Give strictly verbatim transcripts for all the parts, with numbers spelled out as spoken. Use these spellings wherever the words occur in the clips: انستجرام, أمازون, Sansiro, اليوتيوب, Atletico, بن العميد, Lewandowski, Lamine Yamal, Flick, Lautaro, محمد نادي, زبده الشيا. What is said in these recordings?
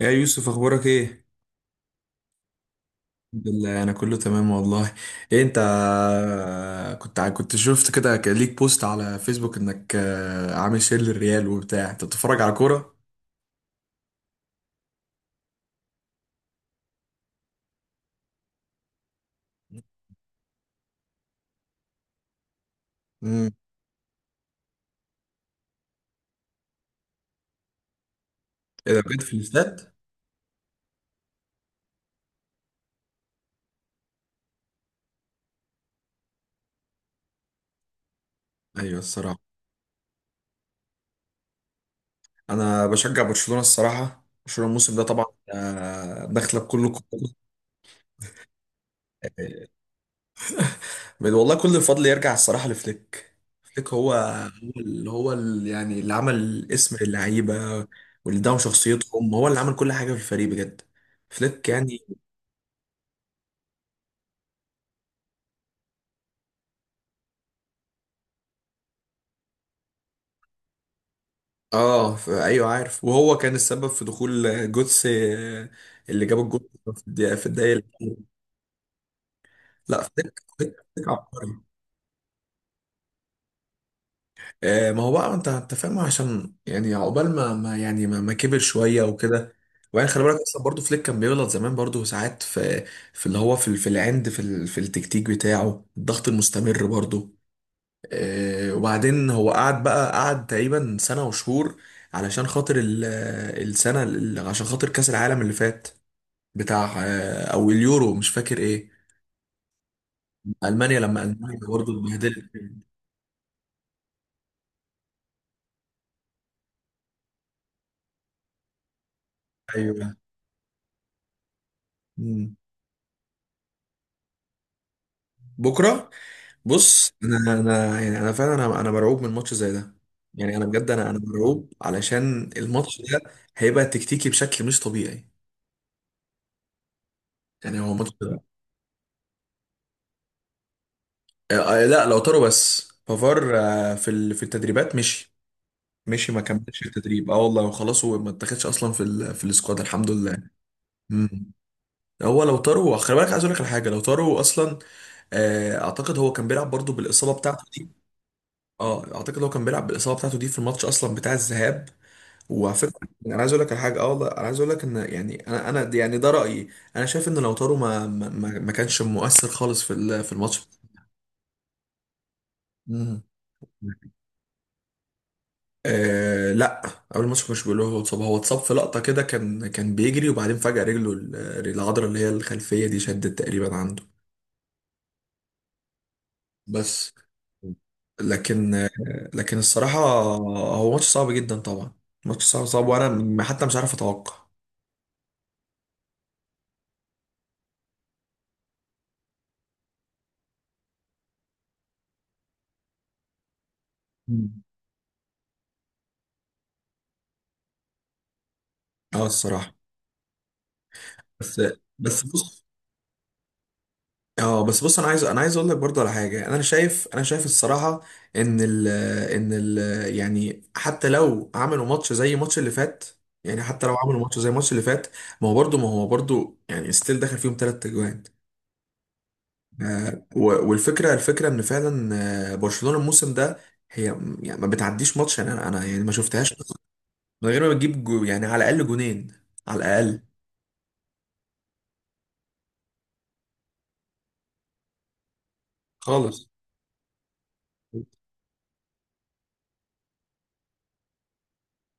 يا يوسف اخبارك ايه؟ الحمد لله انا كله تمام والله. إيه انت؟ كنت ع- كنت شفت كده ك- ليك بوست على فيسبوك انك آه، عامل شير للريال وبتاع، انت بتتفرج على كوره. امم. ايه ده بجد؟ في الاستاد؟ ايوه الصراحه. انا بشجع برشلونه الصراحه، برشلونه الموسم ده طبعا آه، داخله بكل قوتها. بل- والله كل الفضل يرجع الصراحة لفليك. فليك هو هو اللي هو ال- يعني اللي عمل اسم اللعيبة، واللي دعم شخصيتهم، هو اللي عمل كل حاجة في الفريق بجد. فليك يعني. اه ف- ايوه عارف، وهو كان السبب في دخول جوتس آه، اللي جاب الجول في الدقيقة في الدقايق الأخيرة. لا فليك فليك فليك عبقري. آه، ما هو بقى انت انت فاهم، عشان يعني عقبال ما, ما يعني ما, ما كبر شويه وكده. وبعدين خلي بالك اصلا برضو فليك كان بيغلط زمان برضو ساعات في في اللي هو في ال- في العند في ال- في التكتيك بتاعه الضغط المستمر برضو. آه، وبعدين هو قعد بقى، قعد تقريبا سنه وشهور علشان خاطر ال- السنه ال- عشان خاطر كاس العالم اللي فات بتاع آه، او اليورو، مش فاكر ايه. المانيا لما المانيا برضو اتبهدلت. ايوه. مم. بكره. بص، انا انا يعني انا فعلا انا انا مرعوب من ماتش زي ده. يعني انا بجد انا انا مرعوب علشان الماتش ده هيبقى تكتيكي بشكل مش طبيعي. يعني هو ماتش. آه، آه، لا لو طاروا، بس بافار آه، في ال- في التدريبات مشي، مشي، ما كملش التدريب اه والله، وخلاص هو ما اتاخدش اصلا في ال في السكواد الحمد لله. مم. هو لو طاروا خلي بالك، عايز اقول لك على حاجه، لو طاروا اصلا آه، اعتقد هو كان بيلعب برضو بالاصابه بتاعته دي. اه اعتقد هو كان بيلعب بالاصابه بتاعته دي في الماتش اصلا بتاع الذهاب. وعلى فكرة انا عايز اقول لك على حاجه، اه والله انا عايز اقول لك ان يعني انا انا دي- يعني ده رايي. انا شايف ان لوتارو ما ما, ما ما كانش مؤثر خالص في ال- في الماتش. مم. آه لا، قبل الماتش ما كانش بيقولوا، هو اتصاب، هو اتصاب في لقطه كده، كان كان بيجري وبعدين فجاه رجله ال- العضله اللي هي الخلفيه دي شدت تقريبا عنده. بس لكن آه، لكن الصراحه هو ماتش صعب جدا طبعا. ماتش صعب صعب وانا م- حتى مش عارف اتوقع. مم. اه الصراحه. بس بس بص اه بس بص، انا عايز انا عايز اقول لك برضه على حاجه. انا شايف انا شايف الصراحه ان ال ان ال يعني حتى لو عملوا ماتش زي الماتش اللي فات، يعني حتى لو عملوا ماتش زي الماتش اللي فات، ما هو برضه، ما هو برضه يعني ستيل دخل فيهم ثلاث اجوان. و- والفكره، الفكره ان فعلا آه، برشلونه الموسم ده هي يعني ما بتعديش ماتش. يعني انا انا يعني ما شفتهاش من غير ما بتجيب جو، يعني على الاقل جونين، على الاقل. خالص.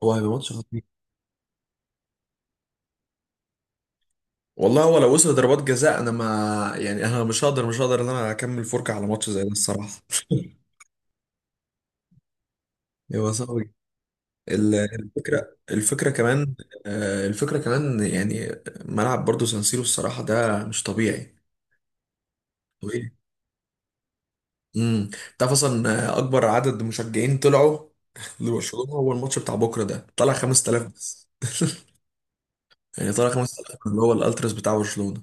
هو هيبقى ماتش خطير. والله هو لو وصل ضربات جزاء انا ما، يعني انا مش هقدر مش هقدر ان انا اكمل فرجه على ماتش زي ده الصراحه. هو صعب جدا. ال- الفكره، الفكره كمان آه، الفكره كمان يعني ملعب برضو سانسيرو الصراحه ده مش طبيعي. طبيعي. امم. تعرف اصلا آه، اكبر عدد مشجعين طلعوا لبرشلونه هو الماتش بتاع بكره ده، طلع خمسة آلاف بس. يعني طلع خمسة آلاف اللي هو الالتراس بتاع برشلونه.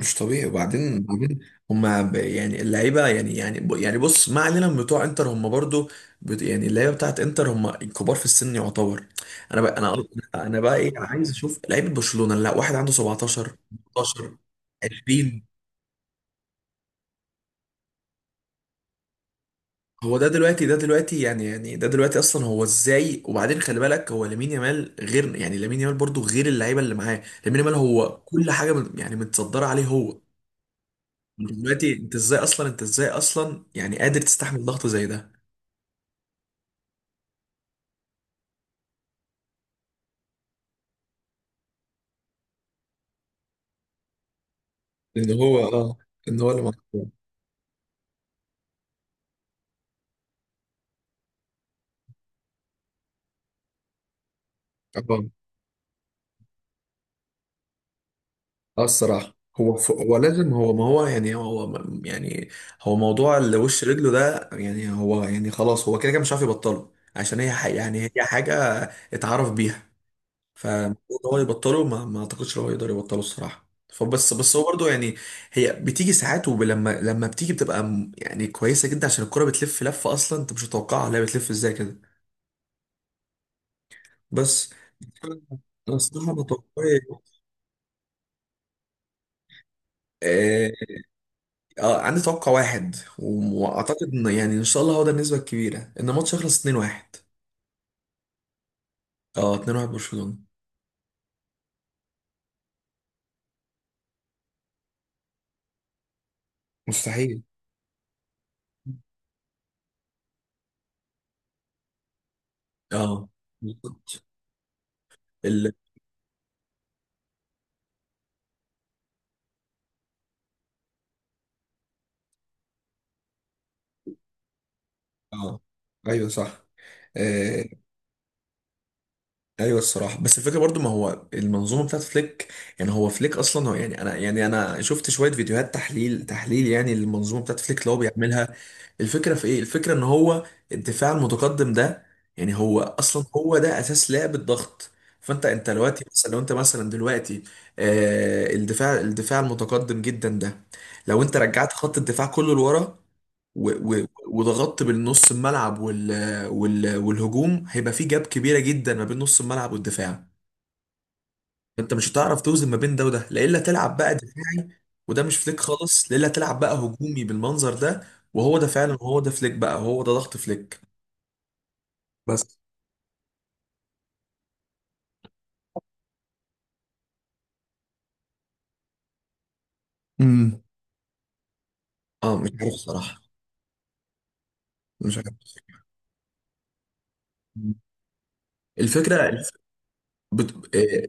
مش طبيعي. وبعدين وبعدين هما ب- يعني اللعيبه يعني يعني ب- يعني بص، ما علينا من بتوع انتر، هما برضو بت يعني اللعيبه بتاعت انتر هما كبار في السن يعتبر. انا بقى انا انا بقى ايه، عايز اشوف لعيبه برشلونه، لا واحد عنده سبعتاشر، تمنتاشر، عشرين. هو ده دلوقتي، ده دلوقتي يعني، يعني ده دلوقتي اصلا هو ازاي؟ وبعدين خلي بالك هو لامين يامال، غير يعني لامين يامال برضو غير اللعيبه اللي معاه، لامين يامال هو كل حاجه من يعني متصدره عليه هو. انت دلوقتي انت ازاي اصلا، انت ازاي اصلا يعني قادر تستحمل ضغط زي ده؟ ان هو اه، ان هو اللي مقصود. اه. اه الصراحه. هو ف... هو لازم هو ما هو يعني هو م- يعني هو موضوع اللي وش رجله ده، يعني هو يعني خلاص هو كده كده مش عارف يبطله، عشان هي ح... يعني هي حاجه اتعرف بيها. فالمفروض هو يبطله، ما, ما اعتقدش إن هو يقدر يبطله الصراحه. فبس بس هو برضه يعني هي بتيجي ساعات، ولما لما بتيجي بتبقى م- يعني كويسه جدا، عشان الكره بتلف لفه اصلا انت مش متوقعها، لا بتلف ازاي كده. بس أنا الصراحة بتوقعي. آه. آه، عندي توقع واحد، و- وأعتقد إن يعني إن شاء الله هو ده النسبة الكبيرة، إن الماتش يخلص اتنين واحد. أه اتنين واحد برشلونة. مستحيل. أه بالظبط. ال. أه. أيوه صح. آه، ايوه الصراحه. بس الفكره برضو، ما هو المنظومه بتاعت فليك. يعني هو فليك اصلا هو يعني، انا يعني انا شفت شويه فيديوهات تحليل تحليل يعني للمنظومه بتاعت فليك اللي هو بيعملها. الفكره في ايه؟ الفكره ان هو الدفاع المتقدم ده يعني هو اصلا هو ده اساس لعب الضغط. فانت انت دلوقتي مثلا، لو انت مثلا دلوقتي آه الدفاع الدفاع المتقدم جدا ده، لو انت رجعت خط الدفاع كله لورا و- و- وضغطت بالنص الملعب وال وال والهجوم، هيبقى في جاب كبيره جدا ما بين نص الملعب والدفاع. انت مش هتعرف توزن ما بين ده وده، لا الا تلعب بقى دفاعي، وده مش فليك خالص، لا الا تلعب بقى هجومي بالمنظر ده، وهو ده فعلا، هو ده فليك بقى، هو ده ضغط فليك. بس. امم. اه مش عارف صراحه. مش عارف. الفكره الف... بت... آه،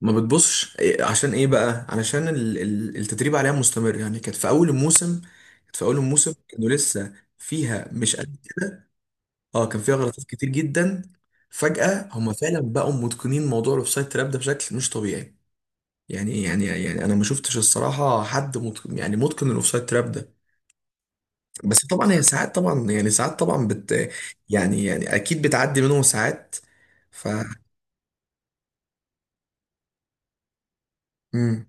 ما بتبصش. إيه- عشان ايه بقى؟ علشان ال- ال- التدريب عليها مستمر. يعني كانت في اول الموسم، كانت في اول الموسم كانوا لسه فيها مش قد. اه كان فيها غلطات كتير جدا. فجأة هم فعلا بقوا متقنين موضوع الاوفسايد تراب ده بشكل مش طبيعي. يعني يعني يعني انا ما شفتش الصراحة حد متقن، يعني متقن الاوفسايد تراب ده. بس طبعا هي ساعات طبعا، يعني ساعات طبعا بت يعني يعني اكيد بتعدي منهم ساعات. ف. مم.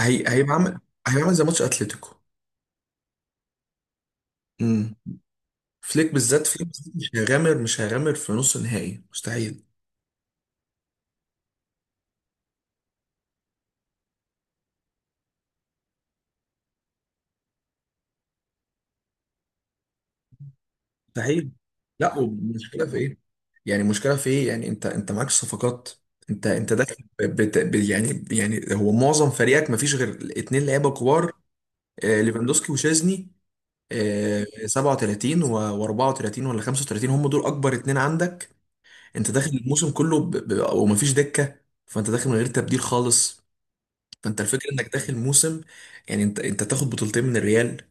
هي هيبقى عامل، هيبقى عامل زي ماتش اتلتيكو. مم. فليك بالذات فليك بالذات، مش هيغامر مش هيغامر في نص نهائي مستحيل. مستحيل. لا والمشكله في ايه؟ يعني المشكله في ايه؟ يعني انت انت معاك صفقات. انت انت داخل ب- بت... ب... يعني يعني هو معظم فريقك ما فيش غير اتنين لعيبه كبار، آه ليفاندوسكي وشيزني. آه سبعة وثلاثين و أربعة وثلاثين ولا خمسة وثلاثين، هم دول اكبر اتنين عندك. انت داخل الموسم كله ب... ب... وما فيش دكه. فانت داخل من غير تبديل خالص. فانت الفكره انك داخل موسم، يعني انت انت تاخد بطولتين من الريال،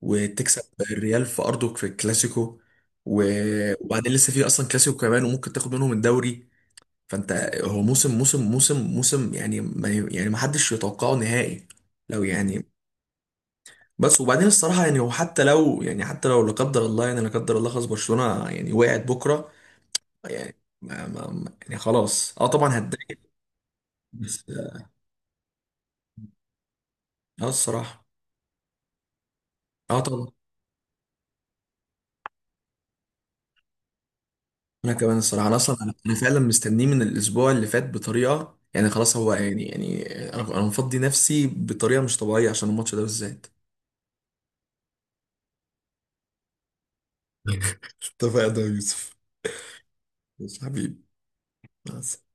وتكسب الريال في ارضك في الكلاسيكو، و- وبعدين لسه في اصلا كلاسيكو كمان، وممكن تاخد منهم الدوري. فانت هو موسم، موسم موسم موسم يعني ما، يعني ما حدش يتوقعه نهائي لو يعني. بس وبعدين الصراحه يعني هو حتى لو يعني، حتى لو لا قدر الله، يعني لا قدر الله خلاص برشلونه يعني وقعت بكره، يعني ما ما ما- يعني خلاص اه طبعا هتضايق. بس اه. آه الصراحه. اه طبعا. انا كمان الصراحه انا اصلا انا أنا فعلا مستنيه من الاسبوع اللي فات بطريقه، يعني خلاص هو يعني يعني انا انا مفضي نفسي بطريقه مش طبيعيه عشان الماتش ده بالذات. اتفقنا يا يوسف. ماشي حبيبي. مع السلامة.